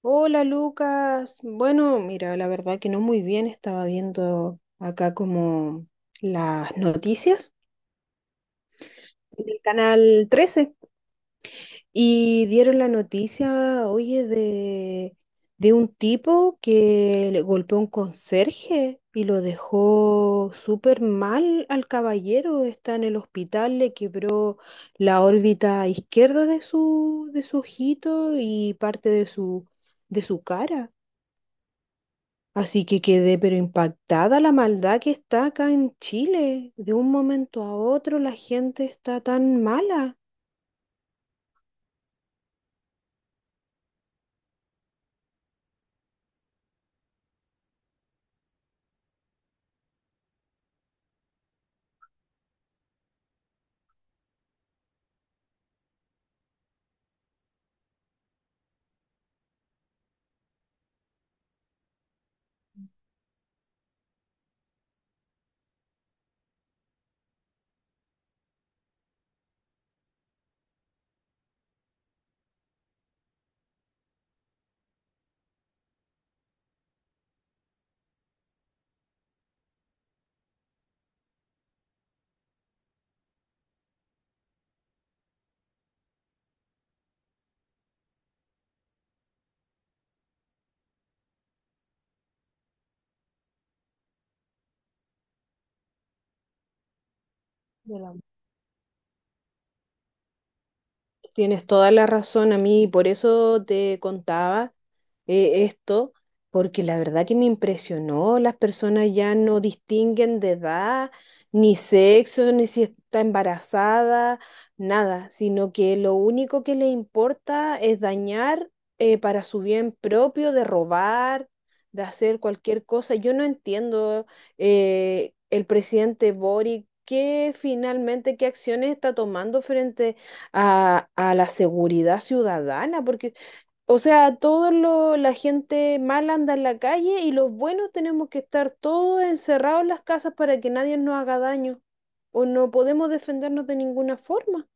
Hola Lucas, bueno, mira, la verdad que no muy bien, estaba viendo acá como las noticias en el canal 13 y dieron la noticia, oye, de un tipo que le golpeó a un conserje y lo dejó súper mal al caballero, está en el hospital, le quebró la órbita izquierda de su ojito y parte de su cara. Así que quedé pero impactada la maldad que está acá en Chile. De un momento a otro la gente está tan mala. Tienes toda la razón a mí, por eso te contaba esto, porque la verdad que me impresionó, las personas ya no distinguen de edad, ni sexo, ni si está embarazada, nada, sino que lo único que le importa es dañar para su bien propio, de robar, de hacer cualquier cosa. Yo no entiendo, el presidente Boric, qué finalmente, qué acciones está tomando frente a la seguridad ciudadana, porque, o sea, todos los- la gente mala anda en la calle y los buenos tenemos que estar todos encerrados en las casas para que nadie nos haga daño o no podemos defendernos de ninguna forma.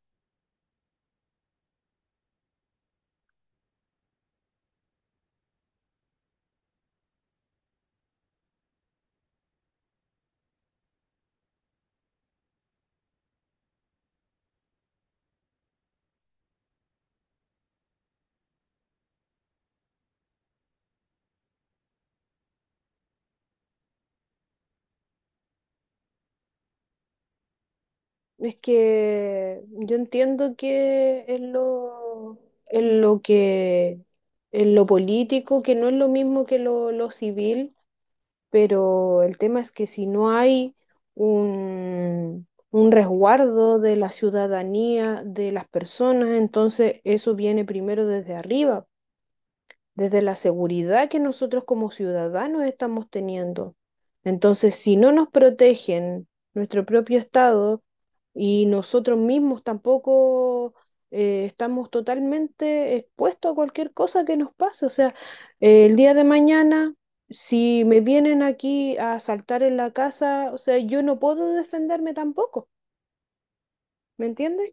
Es que yo entiendo que es lo que, es lo político, que no es lo mismo que lo civil, pero el tema es que si no hay un resguardo de la ciudadanía, de las personas, entonces eso viene primero desde arriba, desde la seguridad que nosotros como ciudadanos estamos teniendo. Entonces, si no nos protegen nuestro propio Estado y nosotros mismos tampoco, estamos totalmente expuestos a cualquier cosa que nos pase, o sea, el día de mañana, si me vienen aquí a asaltar en la casa, o sea, yo no puedo defenderme tampoco, ¿me entiendes?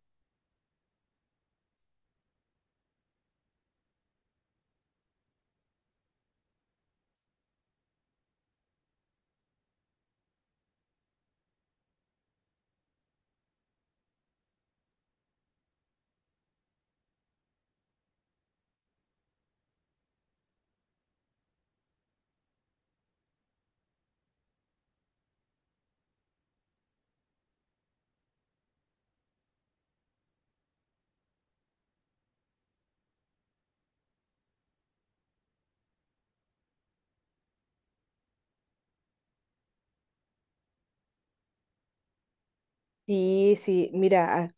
Sí, sí, mira.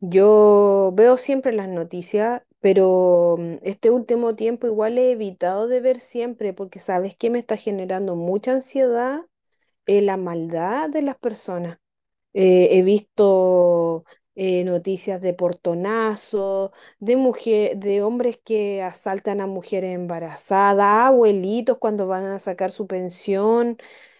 Yo veo siempre las noticias, pero mm, este último tiempo igual he evitado de ver siempre porque sabes que me está generando mucha ansiedad, la maldad de las personas. He visto noticias de portonazos, de mujer, de hombres que asaltan a mujeres embarazadas, abuelitos cuando van a sacar su pensión.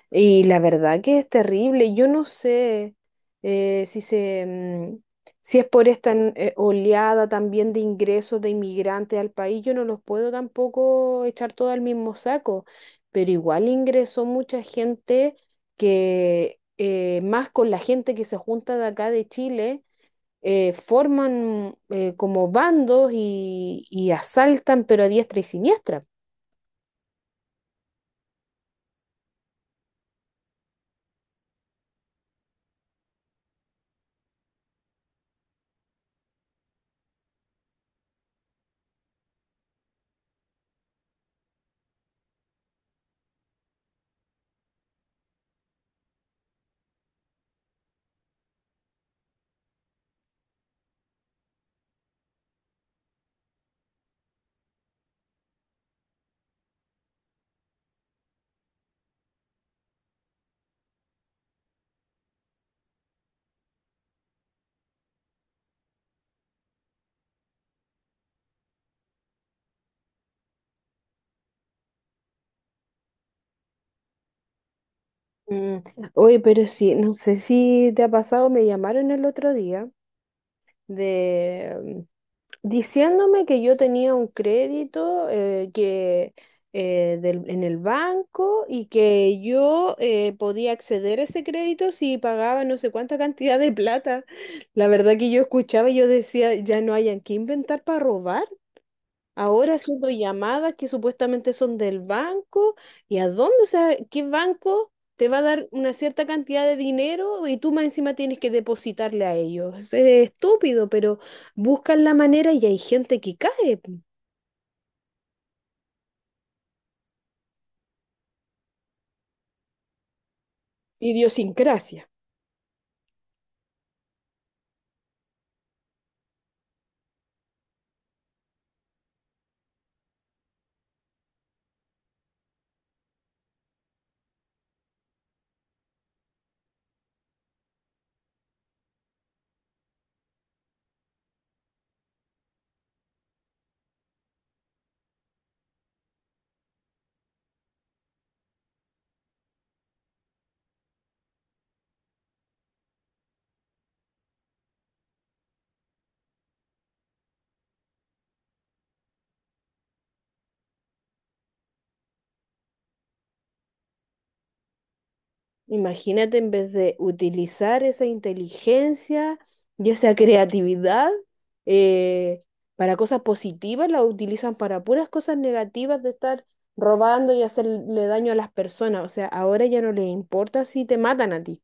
Y la verdad que es terrible. Yo no sé, eh, si se, mm, si es por esta oleada también de ingresos de inmigrantes al país. Yo no los puedo tampoco echar todo al mismo saco. Pero igual ingresó mucha gente que más con la gente que se junta de acá de Chile, forman como bandos y asaltan, pero a diestra y siniestra. Mm. Oye, pero sí, no sé si te ha pasado, me llamaron el otro día de, diciéndome que yo tenía un crédito, del- en el banco y que yo podía acceder a ese crédito si pagaba no sé cuánta cantidad de plata. La verdad que yo escuchaba y yo decía, ya no hayan que inventar para robar. Ahora haciendo llamadas que supuestamente son del banco, ¿y a dónde? O sea, ¿qué banco te va a dar una cierta cantidad de dinero y tú más encima tienes que depositarle a ellos? Es estúpido, pero buscan la manera y hay gente que cae. Idiosincrasia. Imagínate en vez de utilizar esa inteligencia y esa creatividad, eh, para cosas positivas, la utilizan para puras cosas negativas de estar robando y hacerle daño a las personas. O sea, ahora ya no les importa si te matan a ti.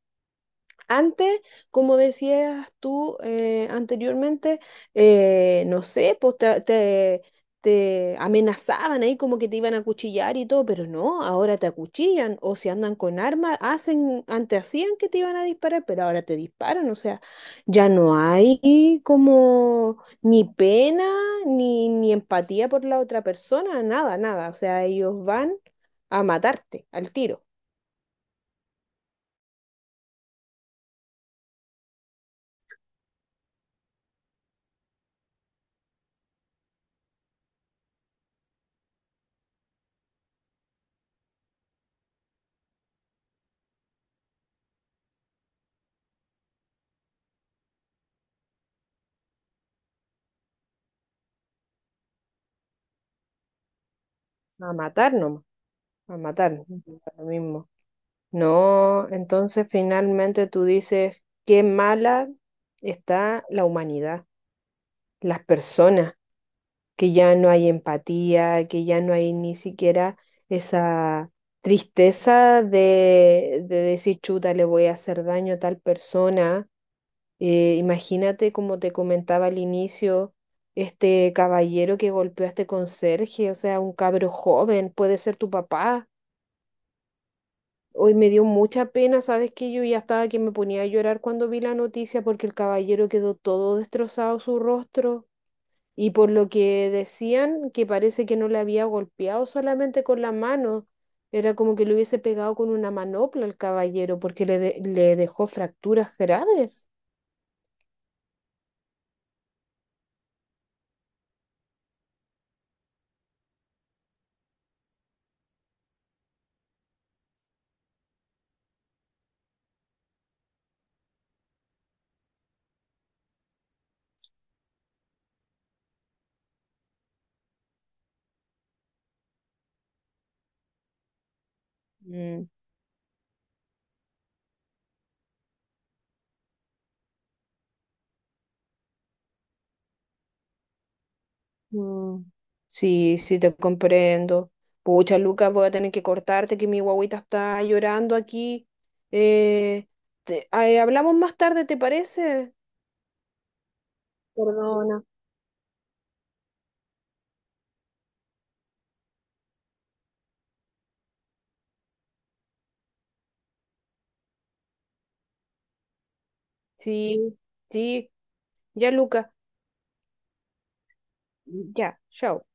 Antes, como decías tú, anteriormente, no sé, pues te amenazaban ahí como que te iban a acuchillar y todo, pero no, ahora te acuchillan o si andan con armas, hacen, antes hacían que te iban a disparar, pero ahora te disparan, o sea, ya no hay como ni pena ni empatía por la otra persona, nada, nada, o sea, ellos van a matarte al tiro, a matar nomás, a matar, da lo mismo. No, entonces finalmente tú dices, qué mala está la humanidad, las personas, que ya no hay empatía, que ya no hay ni siquiera esa tristeza de decir, chuta, le voy a hacer daño a tal persona. Imagínate, como te comentaba al inicio, este caballero que golpeó a este conserje, o sea, un cabro joven, puede ser tu papá. Hoy me dio mucha pena, ¿sabes? Que yo ya estaba que me ponía a llorar cuando vi la noticia porque el caballero quedó todo destrozado su rostro y por lo que decían que parece que no le había golpeado solamente con la mano, era como que le hubiese pegado con una manopla al caballero porque le dejó fracturas graves. Mm. Mm. Sí, sí, te comprendo. Pucha, Lucas, voy a tener que cortarte, que mi guagüita está llorando aquí. Eh, ay, hablamos más tarde, ¿te parece? Perdona. Sí, sí, ya, Lucas, ya, chao.